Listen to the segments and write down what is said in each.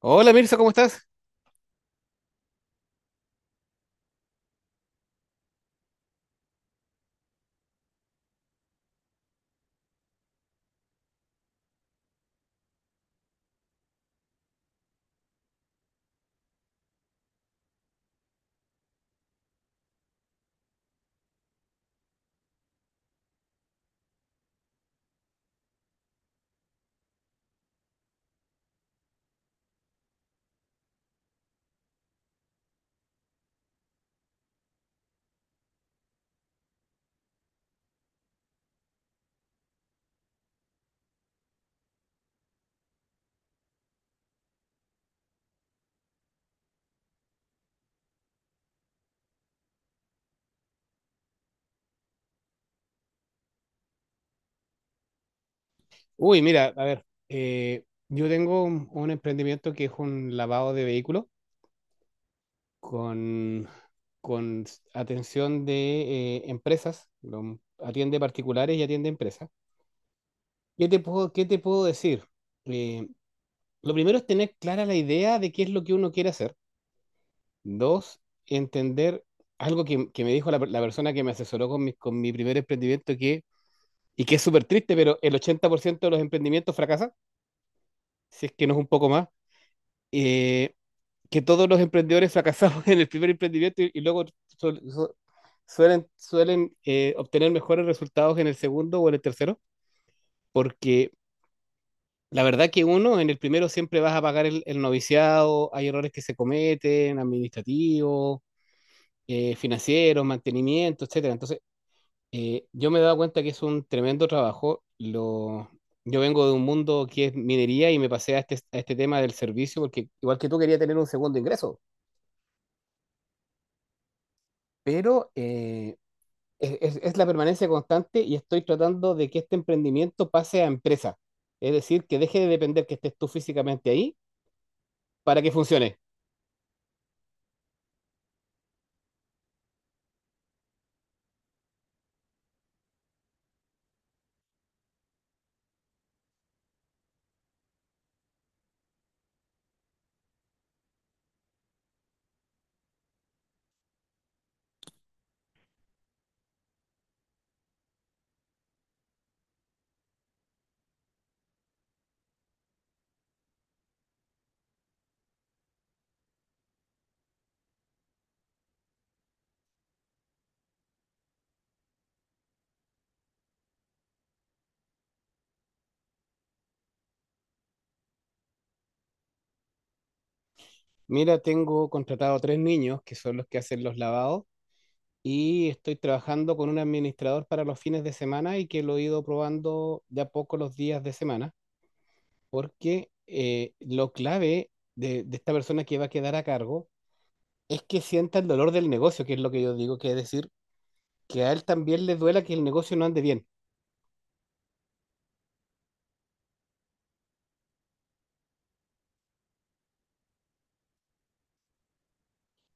Hola Mirza, ¿cómo estás? Uy, mira, a ver, yo tengo un emprendimiento que es un lavado de vehículos con, con atención de empresas. Atiende particulares y atiende empresas. ¿Qué te puedo decir? Eh, lo primero es tener clara la idea de qué es lo que uno quiere hacer. Dos, entender algo que me dijo la persona que me asesoró con con mi primer emprendimiento y que es súper triste, pero el 80% de los emprendimientos fracasan, si es que no es un poco más. eh, que todos los emprendedores fracasamos en el primer emprendimiento y luego suelen obtener mejores resultados en el segundo o en el tercero, porque la verdad que uno, en el primero siempre vas a pagar el noviciado. Hay errores que se cometen: administrativos, financieros, mantenimiento, etcétera. Entonces, yo me he dado cuenta que es un tremendo trabajo. Yo vengo de un mundo que es minería y me pasé a este tema del servicio porque igual que tú quería tener un segundo ingreso. Pero es la permanencia constante, y estoy tratando de que este emprendimiento pase a empresa. Es decir, que deje de depender que estés tú físicamente ahí para que funcione. Mira, tengo contratado tres niños que son los que hacen los lavados, y estoy trabajando con un administrador para los fines de semana, y que lo he ido probando de a poco los días de semana, porque lo clave de esta persona que va a quedar a cargo es que sienta el dolor del negocio, que es lo que yo digo, que es decir, que a él también le duela que el negocio no ande bien.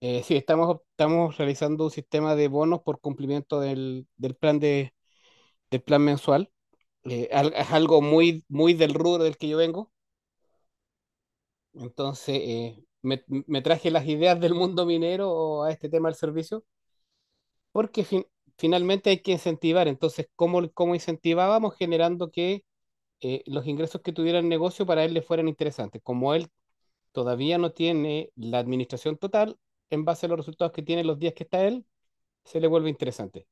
Sí, estamos realizando un sistema de bonos por cumplimiento del plan mensual. Es algo muy, muy del rubro del que yo vengo. Entonces, me traje las ideas del mundo minero a este tema del servicio, porque finalmente hay que incentivar. Entonces, ¿cómo incentivábamos? Generando que los ingresos que tuviera el negocio para él le fueran interesantes. Como él todavía no tiene la administración total, en base a los resultados que tiene los días que está él, se le vuelve interesante.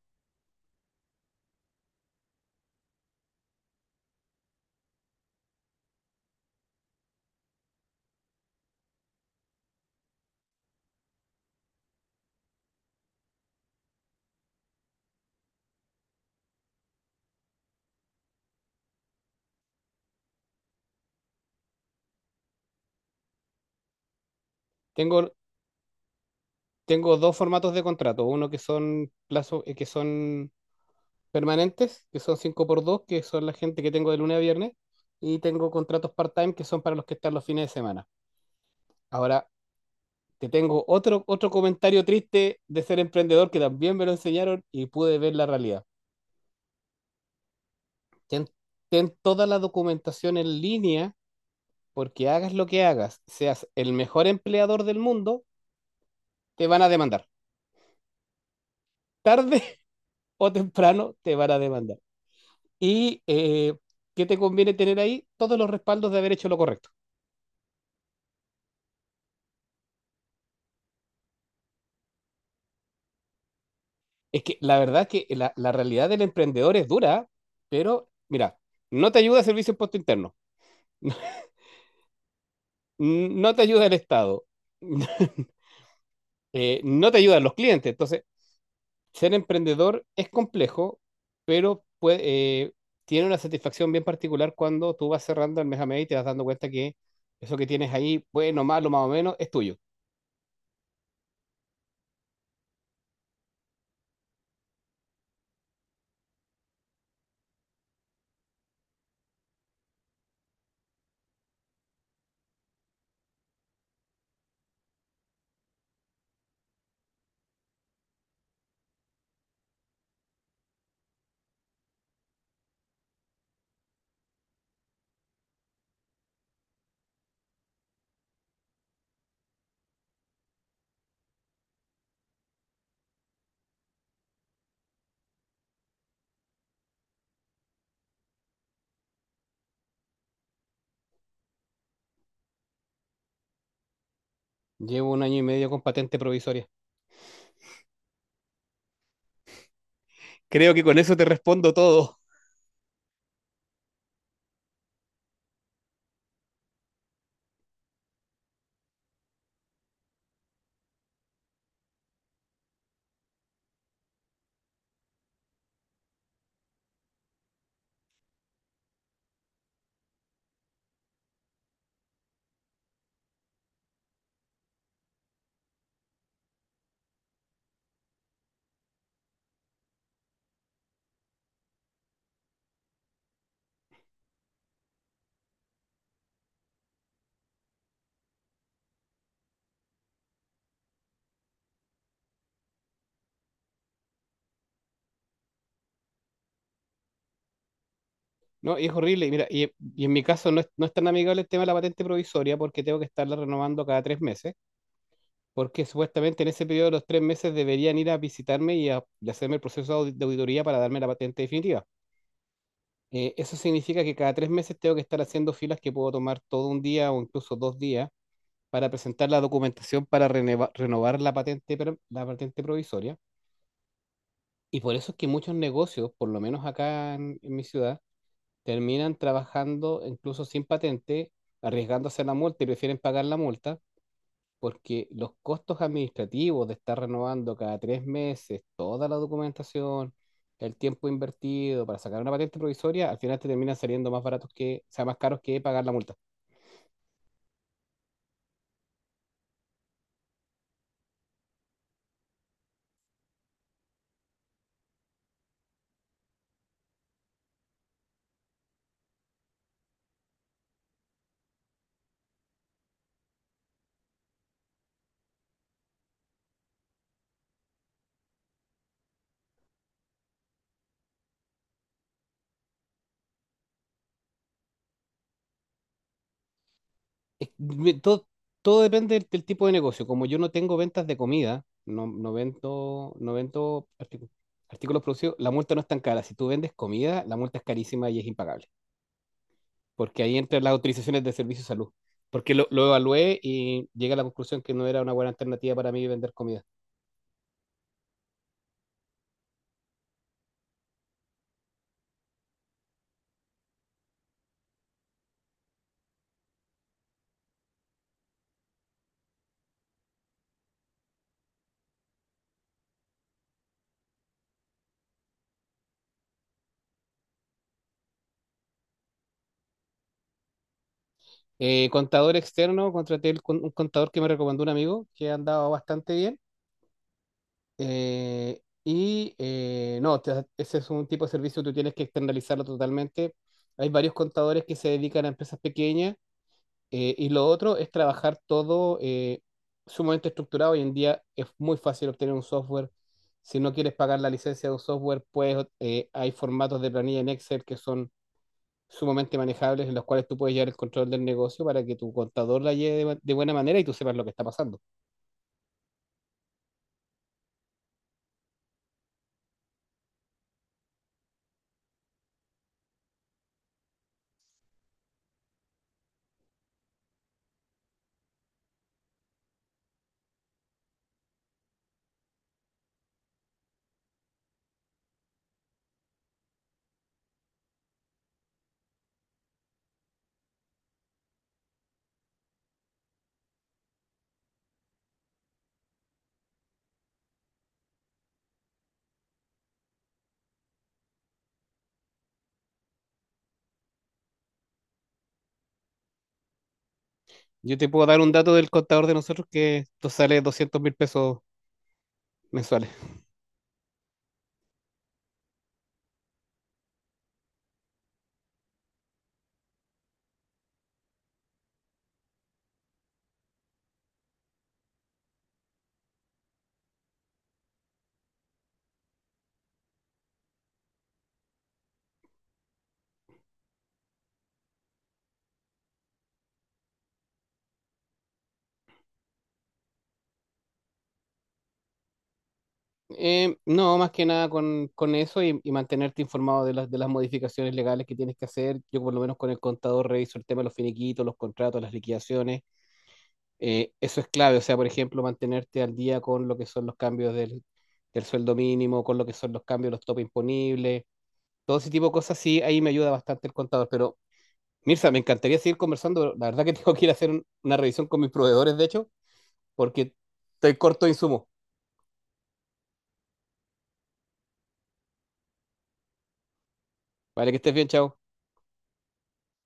Tengo, tengo dos formatos de contrato: uno que son plazo, que son permanentes, que son 5x2, que son la gente que tengo de lunes a viernes, y tengo contratos part-time que son para los que están los fines de semana. Ahora, te tengo otro comentario triste de ser emprendedor que también me lo enseñaron y pude ver la realidad. Ten, ten toda la documentación en línea, porque hagas lo que hagas, seas el mejor empleador del mundo, te van a demandar. Tarde o temprano te van a demandar. ¿Y qué te conviene tener ahí? Todos los respaldos de haber hecho lo correcto. Es que la verdad que la realidad del emprendedor es dura, pero mira, no te ayuda el Servicio de Impuesto Interno, no te ayuda el Estado, no te ayudan los clientes. Entonces, ser emprendedor es complejo, pero eh, tiene una satisfacción bien particular cuando tú vas cerrando el mes a mes y te vas dando cuenta que eso que tienes ahí, bueno, malo, más o menos, es tuyo. Llevo un año y medio con patente provisoria. Creo que con eso te respondo todo. No, y es horrible. Y mira, en mi caso no es tan amigable el tema de la patente provisoria, porque tengo que estarla renovando cada 3 meses, porque supuestamente en ese periodo de los 3 meses deberían ir a visitarme y hacerme el proceso de auditoría para darme la patente definitiva. Eso significa que cada 3 meses tengo que estar haciendo filas, que puedo tomar todo un día o incluso 2 días, para presentar la documentación para renovar la patente provisoria. Y por eso es que muchos negocios, por lo menos acá en mi ciudad, terminan trabajando incluso sin patente, arriesgándose a la multa, y prefieren pagar la multa, porque los costos administrativos de estar renovando cada 3 meses toda la documentación, el tiempo invertido para sacar una patente provisoria, al final te terminan saliendo más baratos que, o sea, más caros que pagar la multa. Es- me- todo, todo depende del tipo de negocio. Como yo no tengo ventas de comida, no, no vendo artículos producidos, la multa no es tan cara. Si tú vendes comida, la multa es carísima y es impagable, porque ahí entran las autorizaciones de servicio de salud. Porque lo evalué y llegué a la conclusión que no era una buena alternativa para mí vender comida. Contador externo, contraté un contador que me recomendó un amigo, que ha andado bastante bien. No, ese es un tipo de servicio que tú tienes que externalizarlo totalmente. Hay varios contadores que se dedican a empresas pequeñas. Y lo otro es trabajar todo sumamente estructurado. Hoy en día es muy fácil obtener un software. Si no quieres pagar la licencia de un software, pues hay formatos de planilla en Excel que son sumamente manejables, en los cuales tú puedes llevar el control del negocio para que tu contador la lleve de buena manera y tú sepas lo que está pasando. Yo te puedo dar un dato del contador de nosotros, que esto sale 200.000 pesos mensuales. No, más que nada con, con eso y mantenerte informado de las modificaciones legales que tienes que hacer. Yo por lo menos con el contador reviso el tema de los finiquitos, los contratos, las liquidaciones. Eso es clave. O sea, por ejemplo, mantenerte al día con lo que son los cambios del sueldo mínimo, con lo que son los cambios de los topes imponibles, todo ese tipo de cosas. Sí, ahí me ayuda bastante el contador. Pero, Mirza, me encantaría seguir conversando, pero la verdad que tengo que ir a hacer una revisión con mis proveedores, de hecho, porque estoy corto de insumos. Vale, que estés bien, chao.